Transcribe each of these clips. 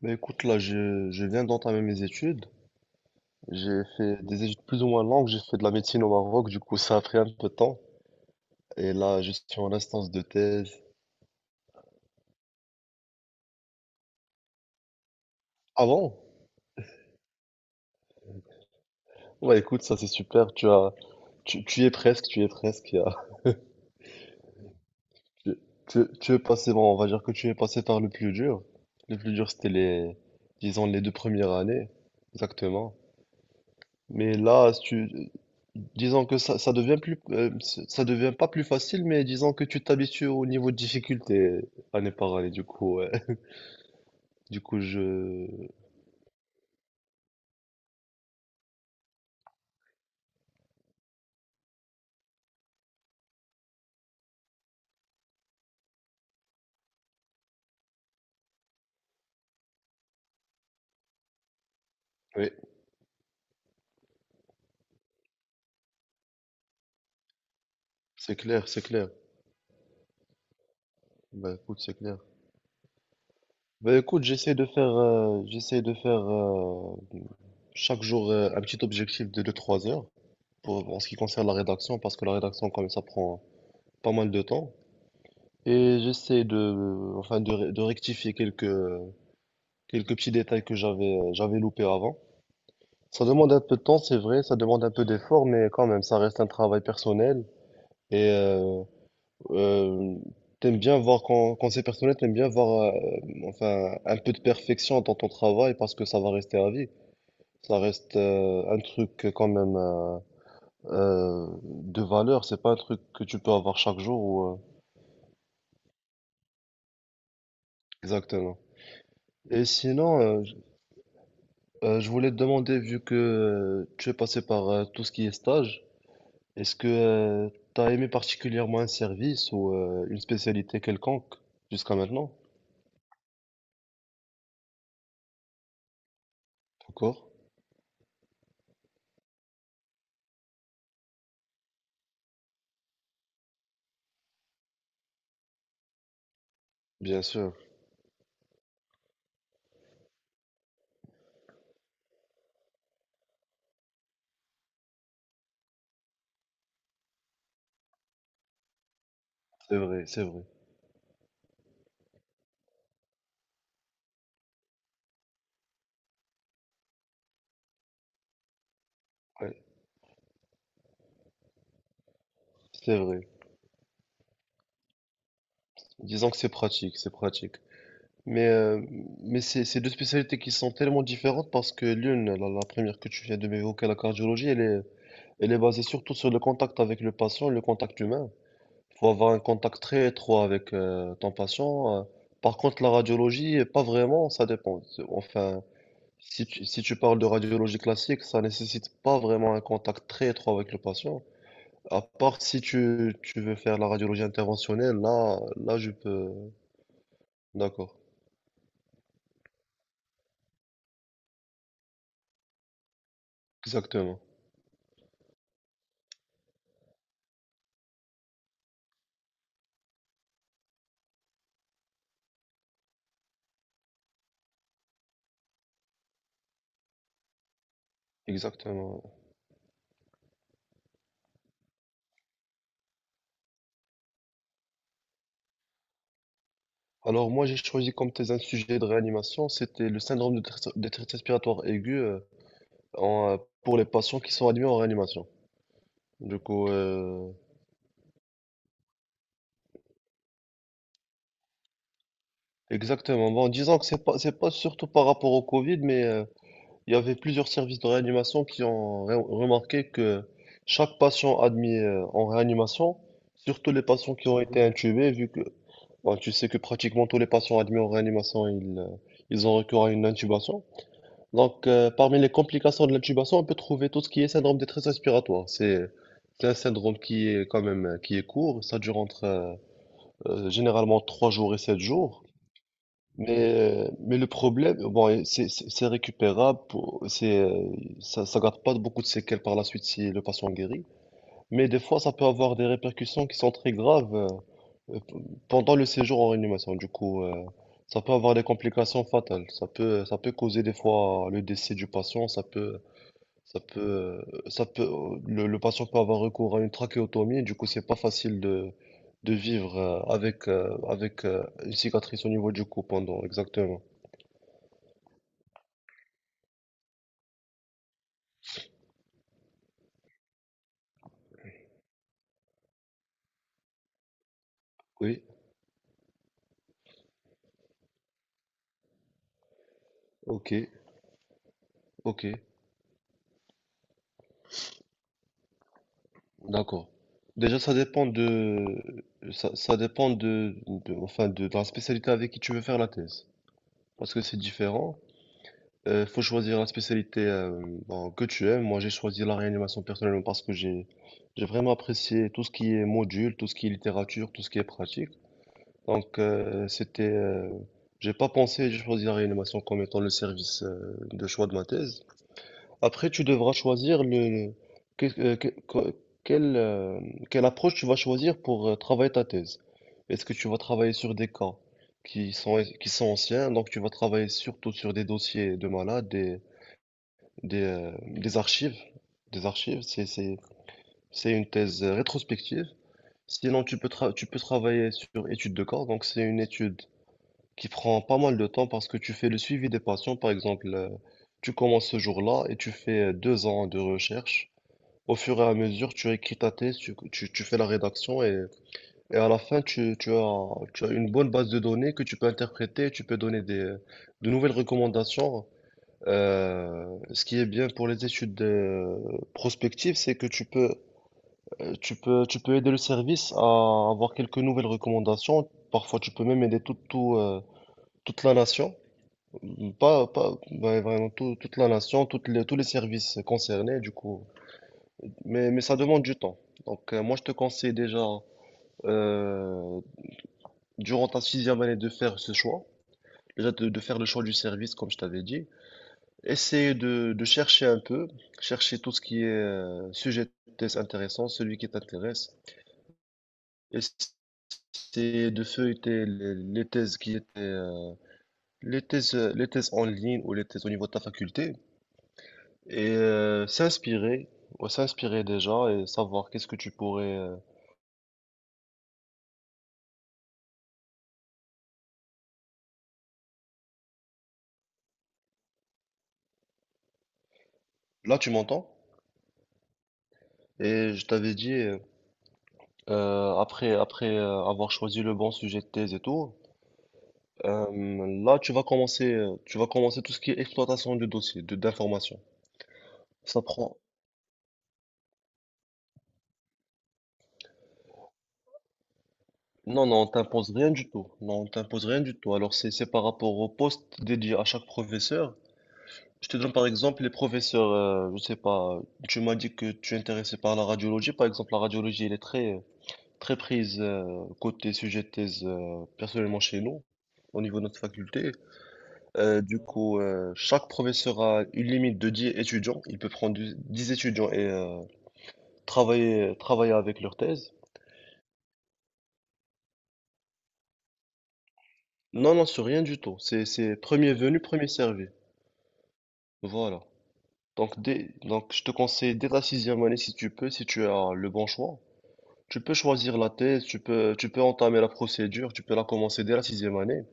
Bah écoute, là, je viens d'entamer mes études. J'ai fait des études plus ou moins longues. J'ai fait de la médecine au Maroc, du coup, ça a pris un peu de temps. Et là, je suis en instance de thèse. Ah bon? Ouais, écoute, ça c'est super. Tu y es presque, tu y es presque. Tu es passé, bon, on va dire que tu es passé par le plus dur. Le plus dur, c'était les, disons, les deux premières années. Exactement. Mais là, si tu, disons que ça devient plus, ça devient pas plus facile, mais disons que tu t'habitues au niveau de difficulté année par année. Du coup, ouais. Du coup, oui, c'est clair, c'est clair. Bah écoute, c'est clair. Bah écoute, j'essaie de faire chaque jour un petit objectif de 2-3 heures pour, en ce qui concerne la rédaction, parce que la rédaction, quand même, ça prend pas mal de temps. Et j'essaie de, enfin, de, de rectifier quelques petits détails que j'avais loupés avant. Ça demande un peu de temps, c'est vrai, ça demande un peu d'effort, mais quand même, ça reste un travail personnel. Et euh, t'aimes bien voir, quand c'est personnel, t'aimes bien voir, enfin, un peu de perfection dans ton travail parce que ça va rester à vie. Ça reste un truc quand même, de valeur, c'est pas un truc que tu peux avoir chaque jour. Exactement. Et sinon, je voulais te demander, vu que tu es passé par tout ce qui est stage. Est-ce que tu t'as aimé particulièrement un service ou une spécialité quelconque jusqu'à maintenant? Encore? Bien sûr, c'est vrai, c'est vrai. Ouais, c'est vrai. Disons que c'est pratique, c'est pratique. Mais, euh, mais c'est deux spécialités qui sont tellement différentes parce que l'une, la première que tu viens de m'évoquer, la cardiologie, elle est basée surtout sur le contact avec le patient, le contact humain. Il faut avoir un contact très étroit avec ton patient. Par contre, la radiologie, pas vraiment, ça dépend. Enfin, si tu parles de radiologie classique, ça nécessite pas vraiment un contact très étroit avec le patient. À part si tu veux faire la radiologie interventionnelle, là, là, je peux. D'accord. Exactement. Exactement. Alors, moi, j'ai choisi comme thèse un sujet de réanimation. C'était le syndrome de détresse respiratoire aiguë, en, euh, pour les patients qui sont admis en réanimation. Du coup, exactement. Bon, disons que c'est pas surtout par rapport au Covid, mais. Il y avait plusieurs services de réanimation qui ont remarqué que chaque patient admis en réanimation, surtout les patients qui ont été intubés, vu que bah, tu sais que pratiquement tous les patients admis en réanimation, ils ont recours à une intubation. Donc, parmi les complications de l'intubation, on peut trouver tout ce qui est syndrome détresse respiratoire. C'est un syndrome qui est quand même, qui est court. Ça dure entre, généralement 3 jours et 7 jours. Mais le problème, bon, et c'est récupérable, ça ne garde pas beaucoup de séquelles par la suite si le patient guérit, mais des fois ça peut avoir des répercussions qui sont très graves, euh, p- pendant le séjour en réanimation. Du coup, ça peut avoir des complications fatales. Ça peut causer des fois le décès du patient. Ça peut, euh, ça peut, le patient peut avoir recours à une trachéotomie, du coup c'est pas facile de vivre, avec, une cicatrice au niveau du cou pendant, exactement. Oui, ok, ok, d'accord. Déjà, ça dépend de, enfin, de la spécialité avec qui tu veux faire la thèse, parce que c'est différent. Il faut choisir la spécialité, bon, que tu aimes. Moi, j'ai choisi la réanimation personnellement parce que j'ai vraiment apprécié tout ce qui est module, tout ce qui est littérature, tout ce qui est pratique. Donc, c'était, j'ai pas pensé, j'ai choisi la réanimation comme étant le service de choix de ma thèse. Après, tu devras choisir que- euh, que- que- quelle, euh, quelle approche tu vas choisir pour travailler ta thèse. Est-ce que tu vas travailler sur des cas qui sont anciens, donc tu vas travailler surtout sur des dossiers de malades, des archives. Des archives, c'est une thèse, rétrospective. Sinon, tu peux travailler sur étude de cas, donc c'est une étude qui prend pas mal de temps parce que tu fais le suivi des patients, par exemple. Tu commences ce jour-là et tu fais 2 ans de recherche au fur et à mesure. Tu écris ta thèse, tu fais la rédaction, et à la fin, tu as une bonne base de données que tu peux interpréter, tu peux donner de nouvelles recommandations. Ce qui est bien pour les études, prospectives, c'est que tu peux aider le service à avoir quelques nouvelles recommandations. Parfois, tu peux même aider toute la nation. Pas, pas, ouais, vraiment toute la nation, toutes les, tous les services concernés, du coup. Mais ça demande du temps. Donc, moi, je te conseille déjà, euh, durant ta sixième année, de faire ce choix. Déjà, de faire le choix du service, comme je t'avais dit. Essayer de chercher un peu, chercher tout ce qui est sujet de thèse intéressant, celui qui t'intéresse. Essayer de feuilleter les thèses qui étaient, les thèses en ligne ou les thèses au niveau de ta faculté. Et s'inspirer, ouais, s'inspirer déjà et savoir qu'est-ce que tu pourrais. Là, tu m'entends? Et je t'avais dit. Après avoir choisi le bon sujet de thèse et tout, euh, là tu vas commencer tout ce qui est exploitation du dossier, de d'information. Ça prend. Non, non, on t'impose rien du tout. Non, on t'impose rien du tout. Alors c'est par rapport au poste dédié à chaque professeur. Je te donne par exemple les professeurs. Je sais pas. Tu m'as dit que tu es intéressé par la radiologie. Par exemple, la radiologie, elle est très très prise, côté sujet de thèse, personnellement chez nous, au niveau de notre faculté. Chaque professeur a une limite de 10 étudiants. Il peut prendre 10 étudiants et travailler avec leur thèse. Non, non, c'est rien du tout. C'est premier venu, premier servi. Voilà. Donc, donc, je te conseille dès ta sixième année, si tu peux, si tu as le bon choix. Tu peux choisir la thèse, tu peux entamer la procédure, tu peux la commencer dès la sixième année.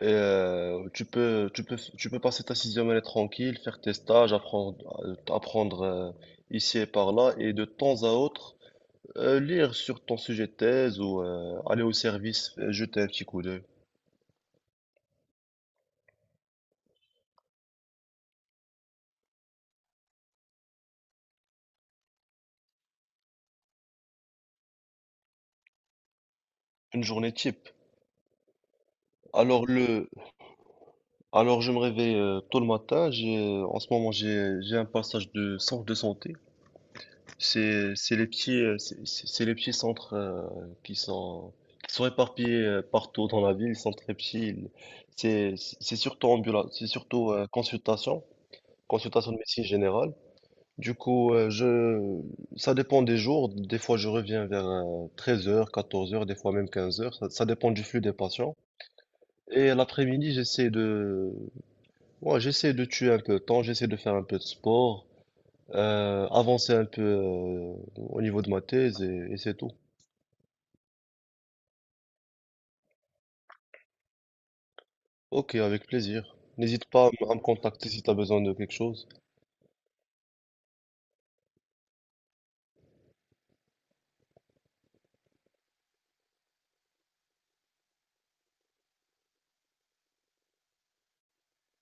Et, tu peux passer ta sixième année tranquille, faire tes stages, apprendre, apprendre ici et par là, et de temps à autre, lire sur ton sujet de thèse ou aller au service, jeter un petit coup d'œil. Une journée type. Alors le, alors je me réveille tôt le matin. En ce moment j'ai un passage de centre de santé. C'est les petits, c'est les petits centres qui sont, qui sont éparpillés partout dans la ville. Ils sont très petits. C'est surtout ambulance, c'est surtout consultation de médecine générale. Du coup, Ça dépend des jours. Des fois, je reviens vers 13 heures, 14 heures, des fois même 15 heures. Ça dépend du flux des patients. Et l'après-midi, ouais, j'essaie de tuer un peu de temps, j'essaie de faire un peu de sport, avancer un peu au niveau de ma thèse, et c'est tout. Ok, avec plaisir. N'hésite pas à à me contacter si tu as besoin de quelque chose.